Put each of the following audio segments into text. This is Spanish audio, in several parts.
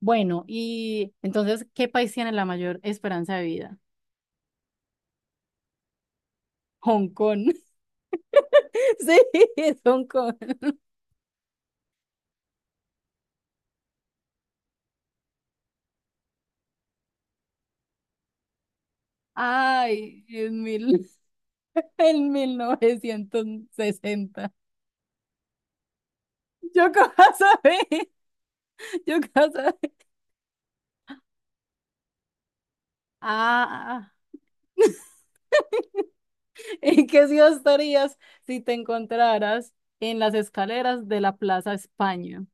Bueno, y entonces, ¿qué país tiene la mayor esperanza de vida? Hong Kong. Sí, es Hong Kong. Ay, en 1960. Yo cómo sabía, yo cómo sabía. Ah, ¿en qué ciudad estarías si te encontraras en las escaleras de la Plaza España?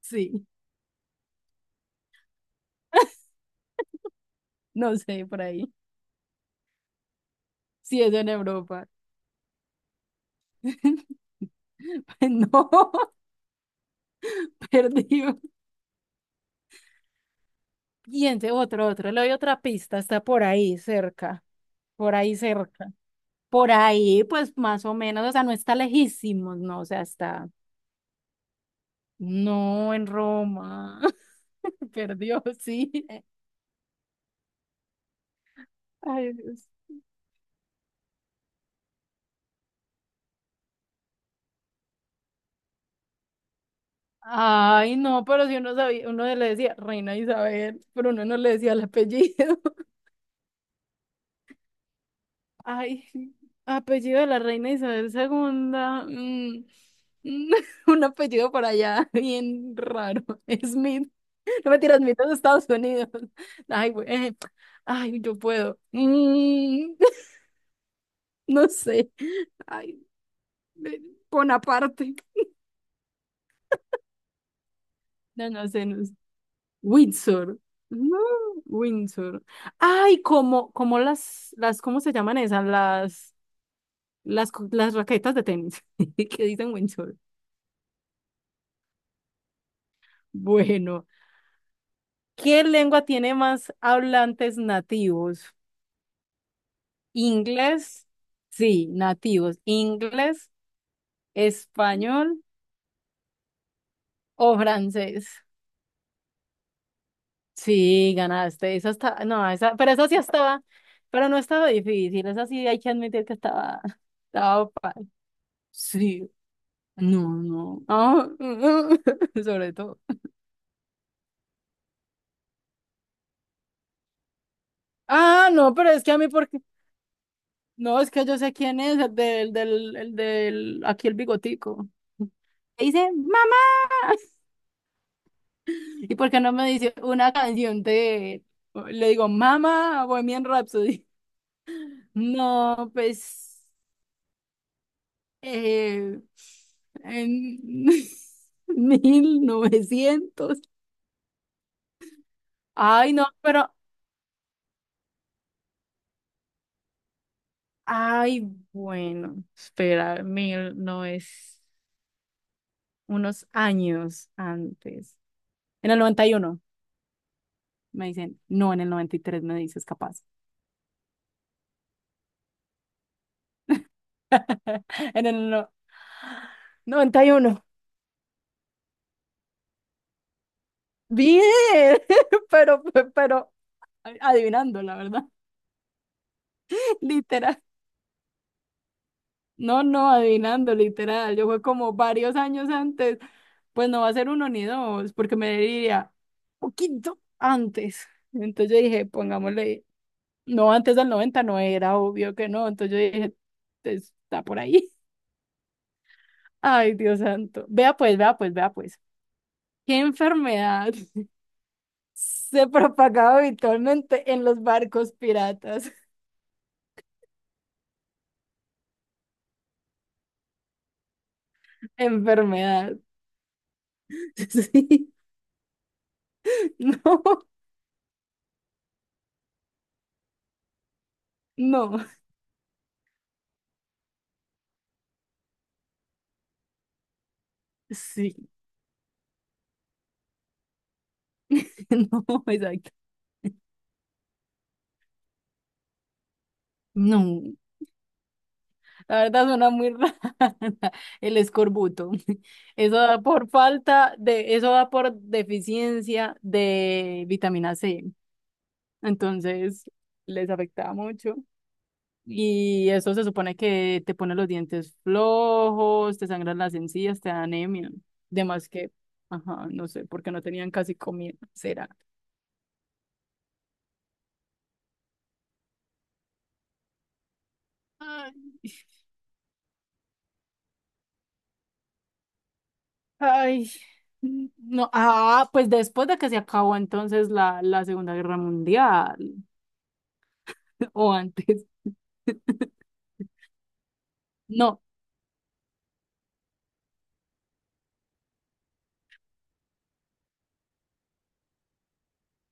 Sí, no sé, por ahí. Si es en Europa. No, perdí. Piense, otro, otro. Le doy otra pista. Está por ahí, cerca. Por ahí, cerca. Por ahí, pues más o menos. O sea, no está lejísimos, no. O sea, está. No, en Roma. Perdió, sí. Ay, Dios. Ay, no, pero si uno sabía, uno le decía Reina Isabel, pero uno no le decía el apellido. Ay, apellido de la reina Isabel segunda, mm, un apellido por allá, bien raro. Smith. No me tiras Smith es de Estados Unidos. Ay, güey. Ay, yo puedo. No sé. Ay, de- Bonaparte. No, no sé, no sé. Windsor. No, Windsor. Ay, como las, ¿cómo se llaman esas? Las raquetas de tenis que dicen Windsor. Bueno. ¿Qué lengua tiene más hablantes nativos? ¿Inglés? Sí, nativos. ¿Inglés, español o francés? Sí, ganaste. Esa está, no, esa, pero esa sí estaba, pero no estaba difícil. Esa sí hay que admitir que estaba, estaba fácil. Sí, no, no. Ah, sobre todo. Ah, no, pero es que a mí porque, no, es que yo sé quién es, el del, del, el del, aquí el bigotico. Dice, mamá. ¿Y por qué no me dice una canción de, le digo, Mamá, Bohemian Rhapsody? No, pues, eh, en mil novecientos. Ay, no, pero, ay, bueno, espera, mil no es unos años antes. En el 91 me dicen, no, en el 93 me dices capaz. En el 91. Bien, pero, pero adivinando, la verdad. Literal. No, no, adivinando, literal. Yo fue como varios años antes. Pues no va a ser uno ni dos, porque me diría poquito antes. Entonces yo dije, pongámosle, no, antes del 90 no era, obvio que no. Entonces yo dije, "Pues, está por ahí. Ay, Dios santo. Vea pues, vea pues, vea pues. ¿Qué enfermedad se propagaba habitualmente en los barcos piratas? Enfermedad. Sí. No, no. Sí, no, exacto. No, la verdad suena muy rara. El escorbuto. Eso da por falta de, eso da por deficiencia de vitamina C. Entonces, les afectaba mucho. Y eso se supone que te pone los dientes flojos, te sangran las encías, te da anemia. Además que, ajá, no sé, porque no tenían casi comida. ¿Será? Ay. Ay, no, ah, pues después de que se acabó entonces la Segunda Guerra Mundial, o antes, no,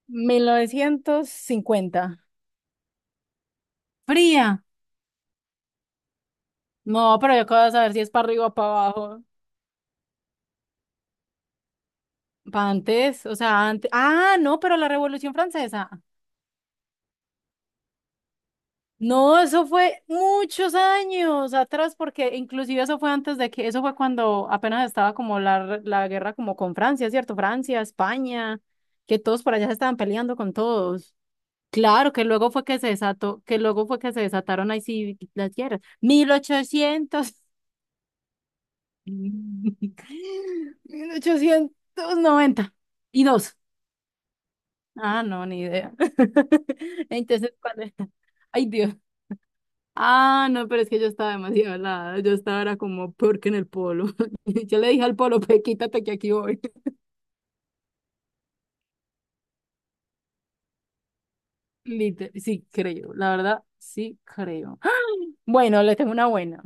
1950, fría, no, pero yo acabo de saber si es para arriba o para abajo, para antes, o sea, antes, ah, no, pero la Revolución Francesa, no, eso fue muchos años atrás, porque inclusive eso fue antes de que, eso fue cuando apenas estaba como la guerra como con Francia, ¿cierto? Francia, España, que todos por allá se estaban peleando con todos. Claro, que luego fue que se desató, que luego fue que se desataron ahí sí las guerras. Mil ochocientos 1892. Ah, no, ni idea. Entonces, ¿cuál era? Ay, Dios. Ah, no, pero es que yo estaba demasiado helada. Yo estaba era como peor que en el polo. Yo le dije al polo, pues quítate que aquí voy. Sí, creo. La verdad, sí creo. Bueno, le tengo una buena.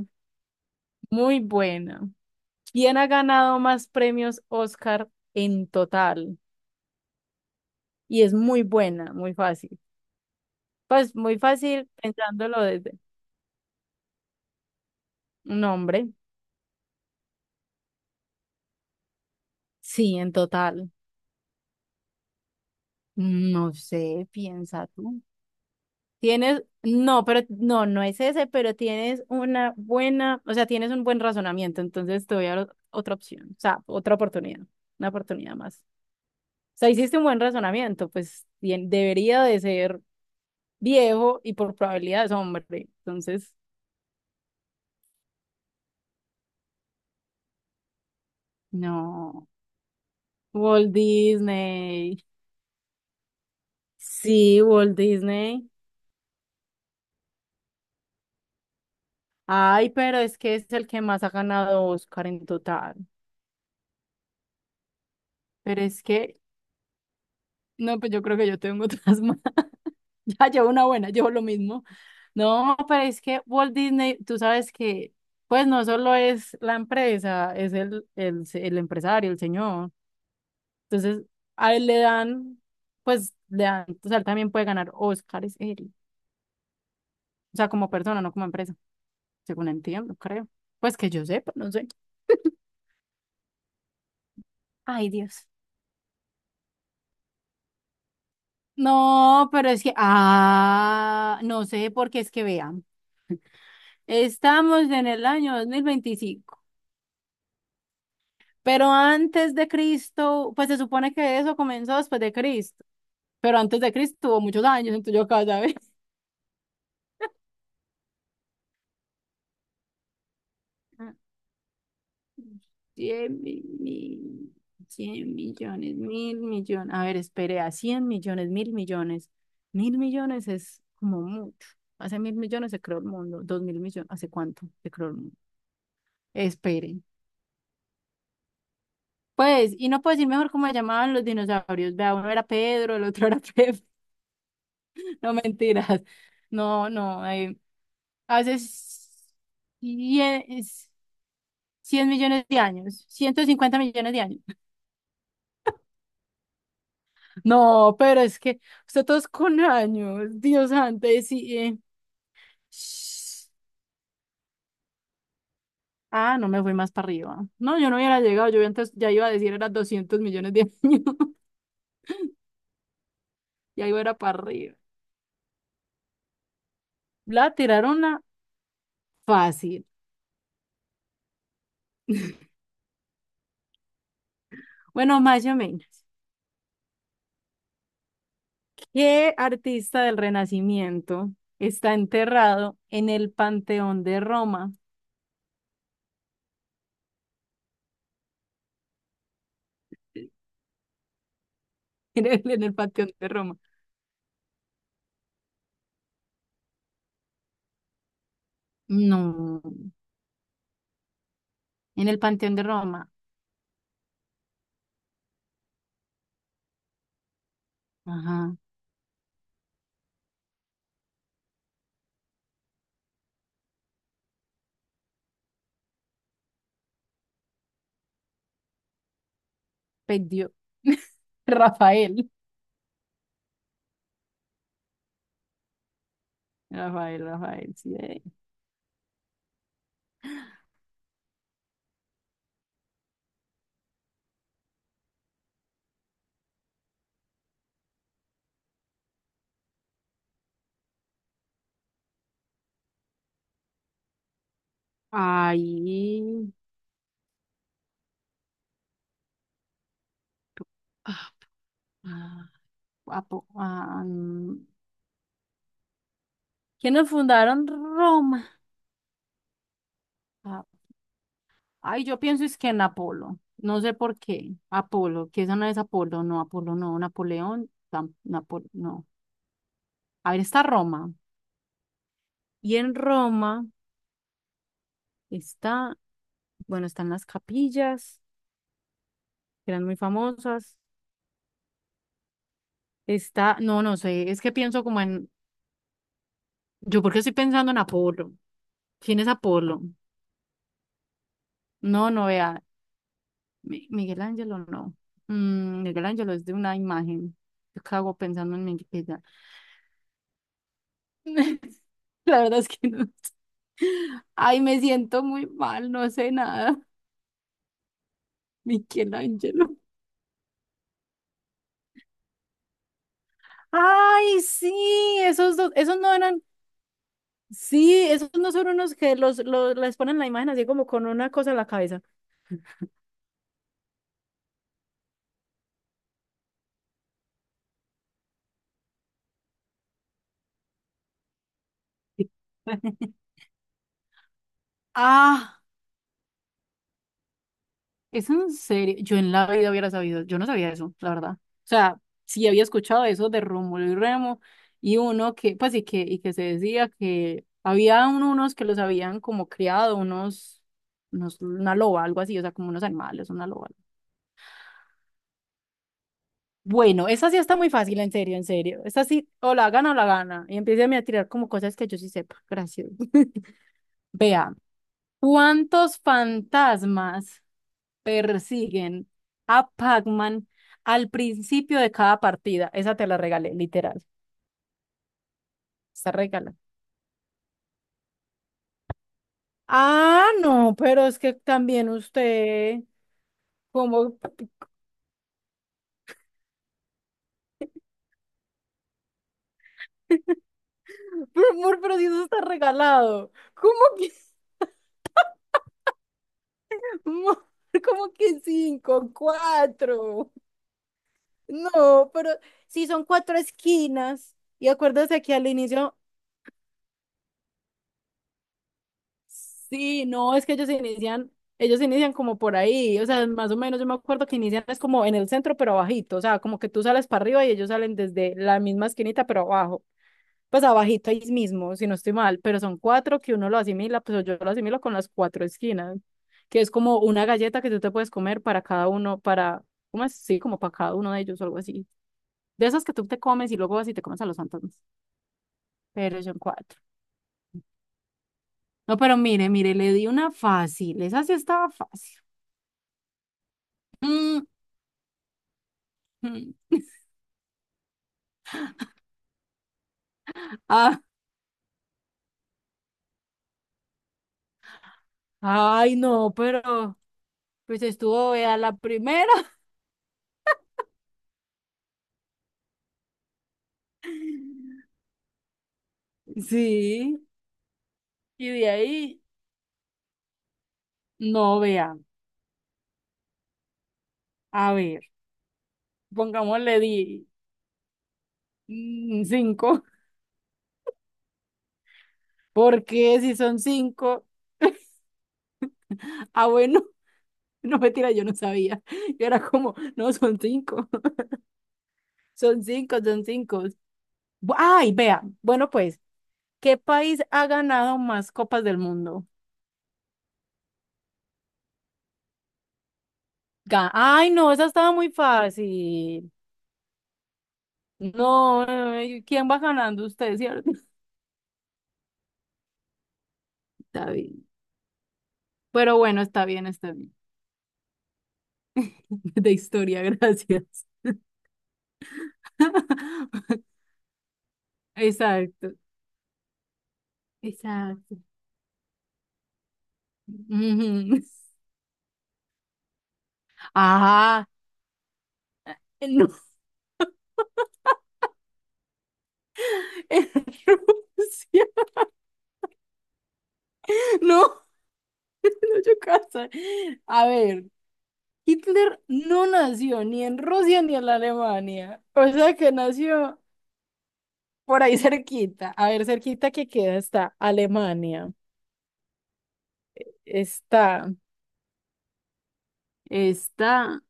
Muy buena. ¿Quién ha ganado más premios Oscar en total? Y es muy buena, muy fácil. Pues muy fácil pensándolo desde un hombre. Sí, en total. No sé, piensa tú. Tienes, no, pero no, no es ese, pero tienes una buena, o sea, tienes un buen razonamiento, entonces te voy a dar otra opción, o sea, otra oportunidad, una oportunidad más. O sea, hiciste un buen razonamiento, pues bien, debería de ser viejo y por probabilidad es hombre, entonces. No. Walt Disney. Sí, Walt Disney. Ay, pero es que es el que más ha ganado Oscar en total. Pero es que, no, pues yo creo que yo tengo otras más. Ya llevo una buena, llevo lo mismo. No, pero es que Walt Disney, tú sabes que, pues no solo es la empresa, es el empresario, el señor. Entonces, a él le dan, pues le dan, o sea, él también puede ganar Oscars, él. O sea, como persona, no como empresa, según entiendo, creo. Pues que yo sepa, no sé. Ay, Dios. No, pero es que, ah, no sé, porque es que vean, estamos en el año 2025, pero antes de Cristo, pues se supone que eso comenzó después de Cristo, pero antes de Cristo hubo muchos años, entonces yo acá, ¿sabes? 100 100 millones, mil millones, a ver, espere, a 100 millones, mil millones, mil millones es como mucho, hace mil millones se creó el mundo, dos mil millones, ¿hace cuánto se creó el mundo? Espere. Pues, y no puedo decir mejor cómo se llamaban los dinosaurios. Vea, uno era Pedro, el otro era Pep. No mentiras. No, no. Hace 100 100 millones de años. 150 millones de años. No, pero es que usted todos con años. Dios antes y sí, shh. Ah, no me fui más para arriba. No, yo no hubiera llegado. Yo antes ya iba a decir era 200 millones de años. Ya iba era para arriba. La tiraron una fácil. Bueno, más o menos. ¿Qué artista del Renacimiento está enterrado en el Panteón de Roma? En el Panteón de Roma. No, en el Panteón de Roma. Ajá, perdió. Rafael. Rafael, Rafael, sí. Ahí. Ah, ah, guapo. Ah, mm. ¿Quiénes fundaron Roma? Ah, Ay, yo pienso es que en Apolo. No sé por qué. Apolo, que esa no es Apolo no, Napoleón, no. A ver, está Roma. Y en Roma está, bueno, están las capillas, que eran muy famosas. Está, no, no sé, es que pienso como en, yo porque estoy pensando en Apolo. ¿Quién es Apolo? No, no vea, Miguel Ángelo no. Miguel Ángelo es de una imagen. Yo cago pensando en Miguel Ángelo. La verdad es que no sé. Ay, me siento muy mal, no sé nada. Miguel Ángelo. Ay, sí, esos dos, esos no eran. Sí, esos no son unos que los les ponen la imagen así como con una cosa en la cabeza. Ah, es en serio. Yo en la vida hubiera sabido. Yo no sabía eso, la verdad. O sea, sí había escuchado eso de Rómulo y Remo y uno que, pues, y que se decía que había unos que los habían como criado, unos, una loba, algo así, o sea, como unos animales, una loba. Bueno, esa sí está muy fácil, en serio, en serio. Esta sí, o la gana o la gana. Y empieza a tirar como cosas que yo sí sepa. Gracias. Vea. ¿Cuántos fantasmas persiguen a Pac-Man al principio de cada partida? Esa te la regalé, literal. Está regala. Ah, no, pero es que también usted, como, pero, amor, pero si eso está regalado, ¿cómo que, amor, cómo que cinco, cuatro? No, pero si son cuatro esquinas, y acuérdate que al inicio. Sí, no, es que ellos inician como por ahí, o sea, más o menos yo me acuerdo que inician es como en el centro, pero abajito, o sea, como que tú sales para arriba y ellos salen desde la misma esquinita, pero abajo, pues abajito ahí mismo, si no estoy mal, pero son cuatro que uno lo asimila, pues yo lo asimilo con las cuatro esquinas, que es como una galleta que tú te puedes comer para cada uno, para, ¿cómo es? Sí, como para cada uno de ellos o algo así. De esas que tú te comes y luego vas y te comes a los fantasmas, pero son cuatro. No, pero mire, mire, le di una fácil, esa sí estaba fácil. Mm, mm. Ah, Ay, no, pero pues estuvo, vea, la primera. sí. Y de ahí, no vea. A ver, pongámosle cinco. Porque si son cinco, ah, bueno, no mentira, yo no sabía. Yo era como, no, son cinco, son cinco, son cinco. Ay, vea, bueno, pues, ¿qué país ha ganado más copas del mundo? Ay, no, esa estaba muy fácil. No, ¿quién va ganando usted, cierto? Está bien. Pero bueno, está bien, está bien. De historia, gracias. Exacto, exacto. Ujú. Ah, no, en Rusia. No, no, yo casa. A ver, Hitler no nació ni en Rusia ni en la Alemania. O sea que nació por ahí cerquita. A ver, cerquita que queda está Alemania. Está, está.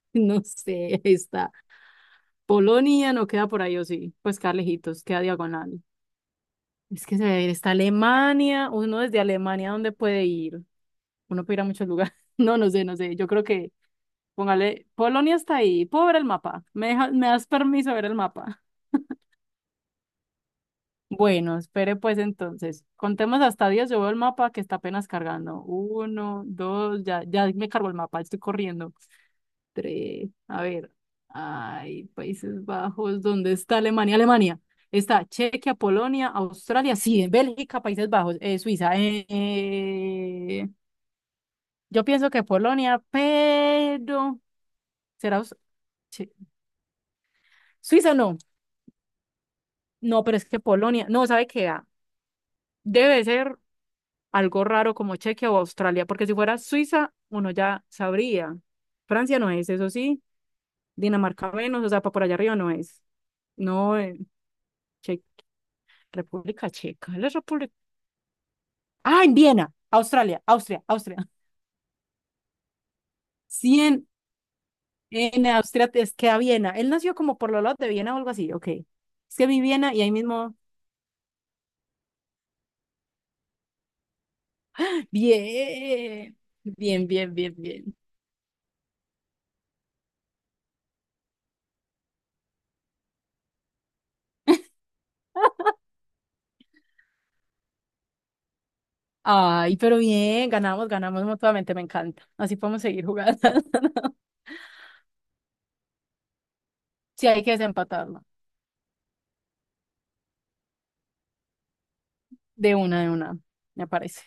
No sé, ahí está. Polonia no queda por ahí, o sí. Pues queda lejitos, queda diagonal. Es que se debe ir. Está Alemania. Uno desde Alemania, ¿dónde puede ir? Uno puede ir a muchos lugares. No, no sé, no sé. Yo creo que, póngale, Polonia está ahí. Puedo ver el mapa. ¿Me das permiso de ver el mapa? Bueno, espere pues entonces. Contemos hasta 10. Yo veo el mapa que está apenas cargando. Uno, dos, ya me cargó el mapa. Estoy corriendo. Entre, a ver, hay Países Bajos, ¿dónde está Alemania? Alemania. Está Chequia, Polonia, Australia, sí, Bélgica, Países Bajos, Suiza. Yo pienso que Polonia, pero será Che- Suiza no. No, pero es que Polonia, no, ¿sabe qué? Ah, debe ser algo raro como Chequia o Australia, porque si fuera Suiza, uno ya sabría. Francia no es, eso sí. Dinamarca menos, o sea, para por allá arriba no es. No, Che República Checa, la República. Ah, en Viena, Australia, Austria, Austria. Sí, en Austria es que a Viena. Él nació como por los lados de Viena o algo así, ok. Es que vi Viena y ahí mismo. Bien, bien, bien, bien, bien. Ay, pero bien, ganamos, ganamos mutuamente, me encanta. Así podemos seguir jugando. Sí, hay que desempatarlo. De una, me parece.